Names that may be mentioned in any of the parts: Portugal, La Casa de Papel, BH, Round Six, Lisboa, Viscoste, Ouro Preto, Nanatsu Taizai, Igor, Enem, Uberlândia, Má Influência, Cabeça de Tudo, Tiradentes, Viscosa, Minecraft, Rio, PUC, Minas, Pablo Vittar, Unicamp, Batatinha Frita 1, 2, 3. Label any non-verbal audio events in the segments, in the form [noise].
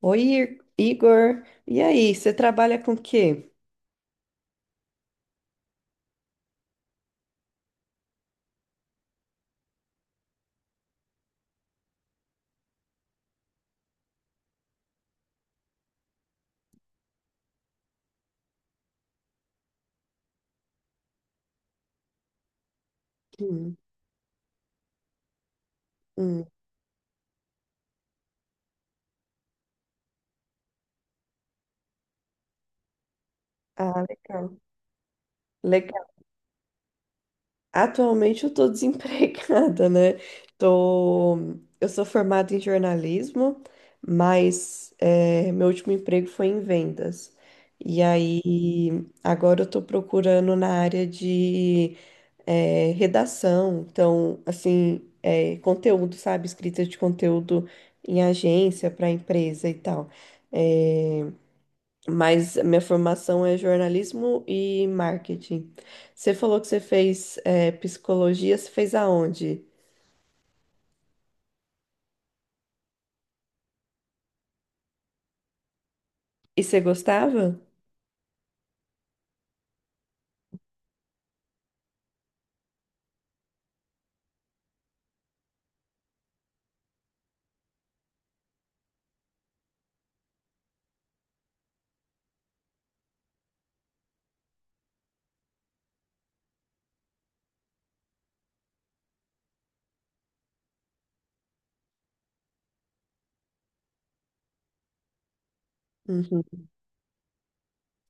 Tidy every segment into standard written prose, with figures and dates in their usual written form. Oi, Igor. E aí, você trabalha com o quê? Hum, hum. Ah, legal. Legal. Atualmente eu estou [laughs] desempregada, né? Tô... Eu sou formada em jornalismo, mas meu último emprego foi em vendas. E aí, agora eu estou procurando na área de redação. Então, assim, é, conteúdo, sabe? Escrita de conteúdo em agência para empresa e tal. É, mas a minha formação é jornalismo e marketing. Você falou que você fez psicologia, você fez aonde? E você gostava? Uhum.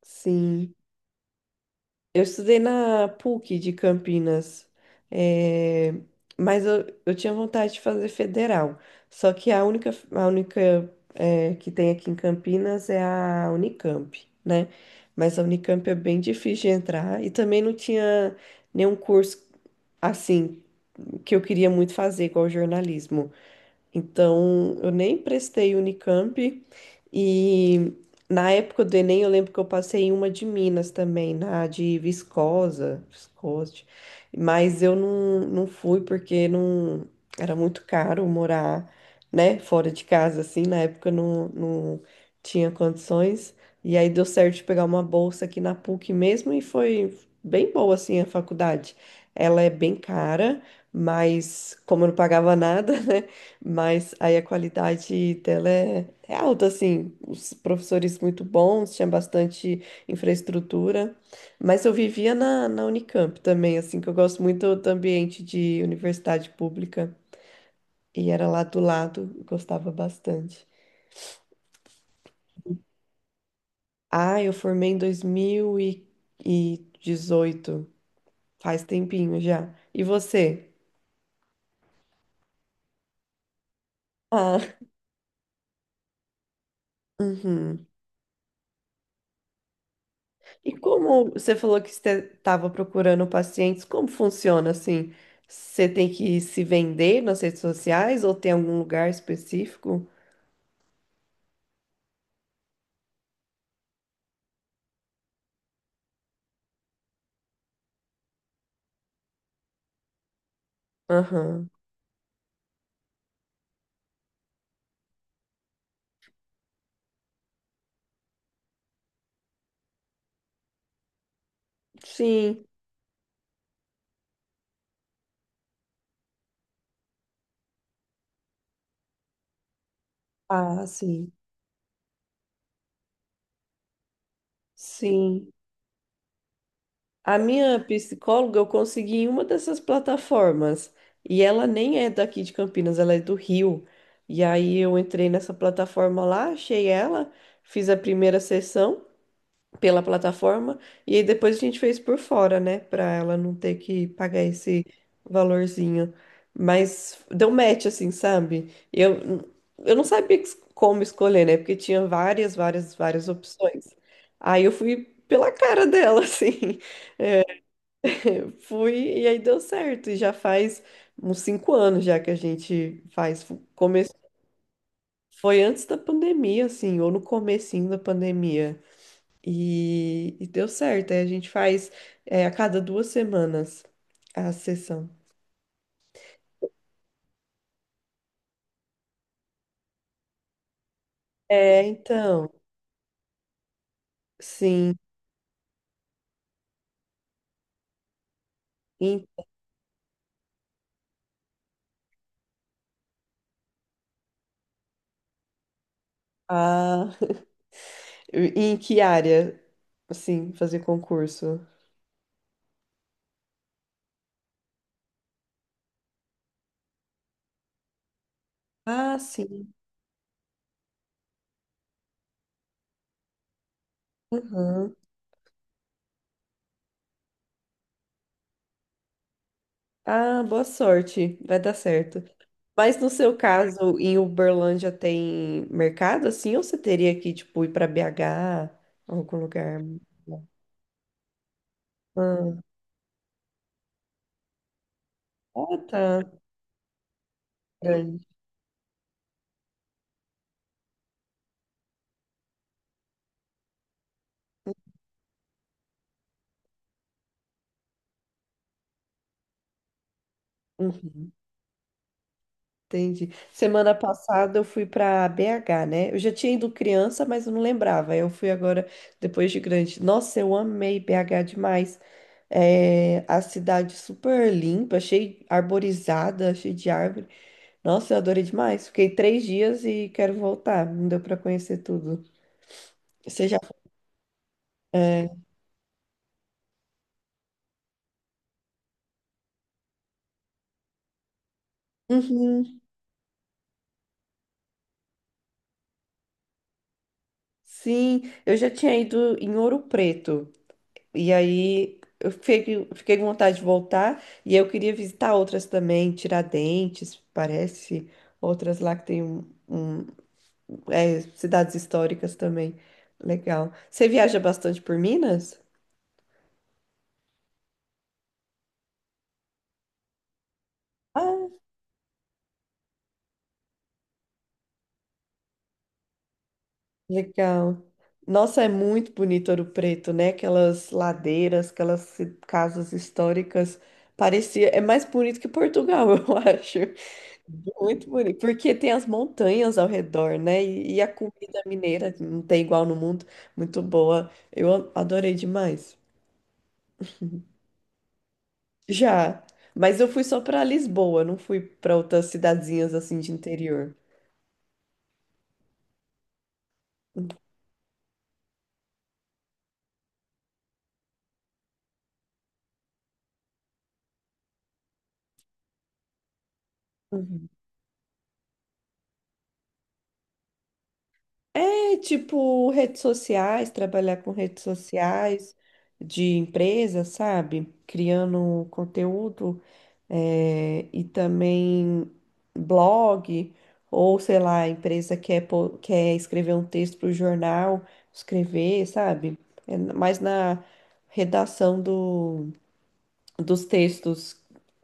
Sim. Eu estudei na PUC de Campinas, eh, mas eu tinha vontade de fazer federal. Só que a única que tem aqui em Campinas é a Unicamp, né? Mas a Unicamp é bem difícil de entrar e também não tinha nenhum curso assim que eu queria muito fazer, igual jornalismo. Então, eu nem prestei Unicamp e na época do Enem eu lembro que eu passei em uma de Minas também, na de Viscosa, Viscoste, mas eu não, não fui porque não era muito caro morar, né, fora de casa assim, na época eu não, não tinha condições. E aí deu certo de pegar uma bolsa aqui na PUC mesmo e foi bem boa assim a faculdade. Ela é bem cara, mas como eu não pagava nada, [laughs] né? Mas aí a qualidade dela é alta, assim, os professores muito bons, tinha bastante infraestrutura, mas eu vivia na Unicamp também, assim, que eu gosto muito do ambiente de universidade pública, e era lá do lado, eu gostava bastante. Ah, eu formei em dois mil e dezoito, faz tempinho já. E você? Ah, [laughs] uhum. E como você falou que você estava procurando pacientes, como funciona assim? Você tem que se vender nas redes sociais ou tem algum lugar específico? Aham. Sim. Ah, sim. Sim. A minha psicóloga eu consegui em uma dessas plataformas. E ela nem é daqui de Campinas, ela é do Rio. E aí eu entrei nessa plataforma lá, achei ela, fiz a primeira sessão pela plataforma e aí depois a gente fez por fora, né, pra ela não ter que pagar esse valorzinho. Mas deu match assim, sabe? Eu não sabia como escolher, né? Porque tinha várias opções. Aí eu fui pela cara dela, [laughs] assim. [laughs] Fui e aí deu certo. E já faz uns cinco anos já que a gente faz. Come... Foi antes da pandemia, assim, ou no comecinho da pandemia. E deu certo. Aí a gente faz a cada duas semanas a sessão. É, então, sim. Em, ah, [laughs] em que área, assim, fazer concurso? Ah, sim. Aham. Ah, boa sorte. Vai dar certo. Mas no seu caso, em Uberlândia tem mercado assim, ou você teria que, tipo, ir para BH, algum lugar? Ah, ah, tá. Grande. Uhum. Entendi. Semana passada eu fui para BH, né? Eu já tinha ido criança, mas eu não lembrava. Eu fui agora depois de grande. Nossa, eu amei BH demais. É, a cidade super limpa, achei arborizada, cheia de árvore. Nossa, eu adorei demais. Fiquei três dias e quero voltar. Não deu para conhecer tudo. Você já? É, uhum. Sim, eu já tinha ido em Ouro Preto. E aí fiquei com vontade de voltar e eu queria visitar outras também, Tiradentes, parece, outras lá que tem é, cidades históricas também. Legal. Você viaja bastante por Minas? Ah, legal. Nossa, é muito bonito Ouro Preto, né? Aquelas ladeiras, aquelas casas históricas. Parecia, é mais bonito que Portugal, [laughs] eu acho. Muito bonito, porque tem as montanhas ao redor, né? E a comida mineira que não tem igual no mundo, muito boa. Adorei demais. Já, mas eu fui só para Lisboa, não fui para outras cidadezinhas assim de interior. É tipo redes sociais, trabalhar com redes sociais de empresa, sabe? Criando conteúdo, e também blog, ou sei lá, a empresa quer escrever um texto para o jornal, escrever, sabe? É mais na redação dos textos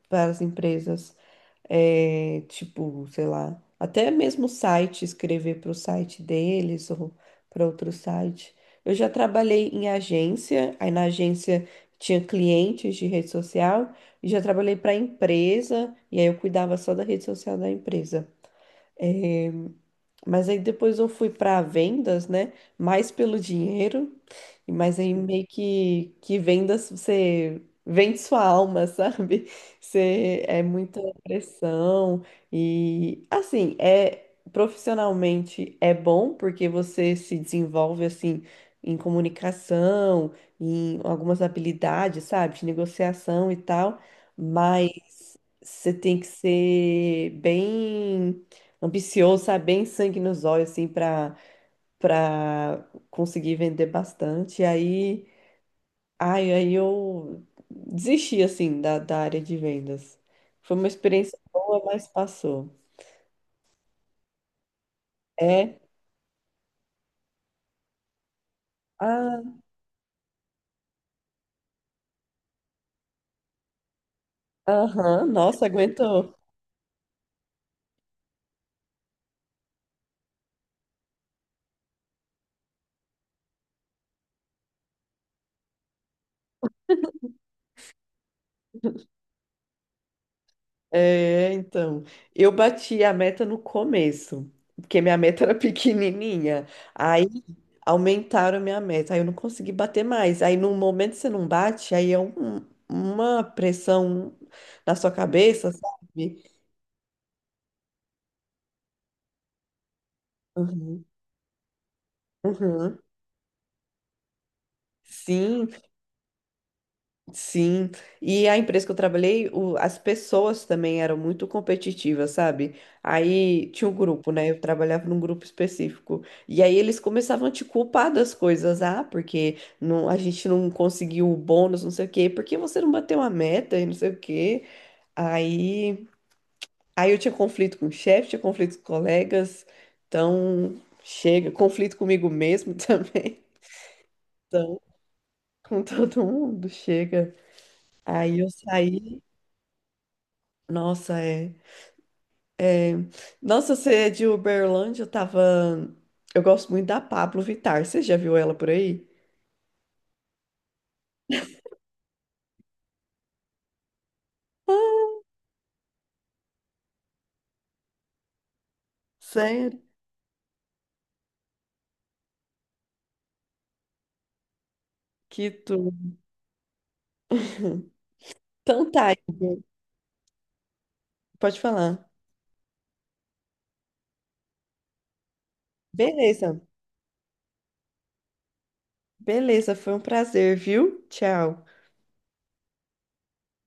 para as empresas, é, tipo, sei lá, até mesmo site, escrever para o site deles ou para outro site. Eu já trabalhei em agência, aí na agência tinha clientes de rede social, e já trabalhei para empresa, e aí eu cuidava só da rede social da empresa. É, mas aí depois eu fui para vendas, né? Mais pelo dinheiro. Mas aí meio que vendas, você vende sua alma, [laughs] sabe? Você é muita pressão e assim, é profissionalmente é bom porque você se desenvolve assim em comunicação, em algumas habilidades, sabe? De negociação e tal, mas você tem que ser bem ambicioso, sabe? Bem sangue nos olhos assim para conseguir vender bastante. E aí, aí eu desisti assim da área de vendas. Foi uma experiência boa, mas passou. É, ah, aham, nossa, aguentou. É, então, eu bati a meta no começo, porque minha meta era pequenininha. Aí aumentaram minha meta, aí eu não consegui bater mais. Aí no momento você não bate, aí é uma pressão na sua cabeça, sabe? Uhum. Uhum. Sim, sim. E a empresa que eu trabalhei, as pessoas também eram muito competitivas, sabe? Aí tinha um grupo, né? Eu trabalhava num grupo específico. E aí eles começavam a te culpar das coisas. Ah, porque não, a gente não conseguiu o bônus, não sei o quê. Por que você não bateu a meta e não sei o quê? Aí, Aí eu tinha conflito com o chefe, tinha conflito com colegas. Então, chega. Conflito comigo mesmo [laughs] também. Então, com todo mundo, chega. Aí eu saí, nossa, é- nossa, você é de Uberlândia, eu tava, eu gosto muito da Pablo Vittar, você já viu ela por aí? Sério? Que tudo. [laughs] Então tá, Igor, pode falar. Beleza, beleza, foi um prazer, viu? Tchau.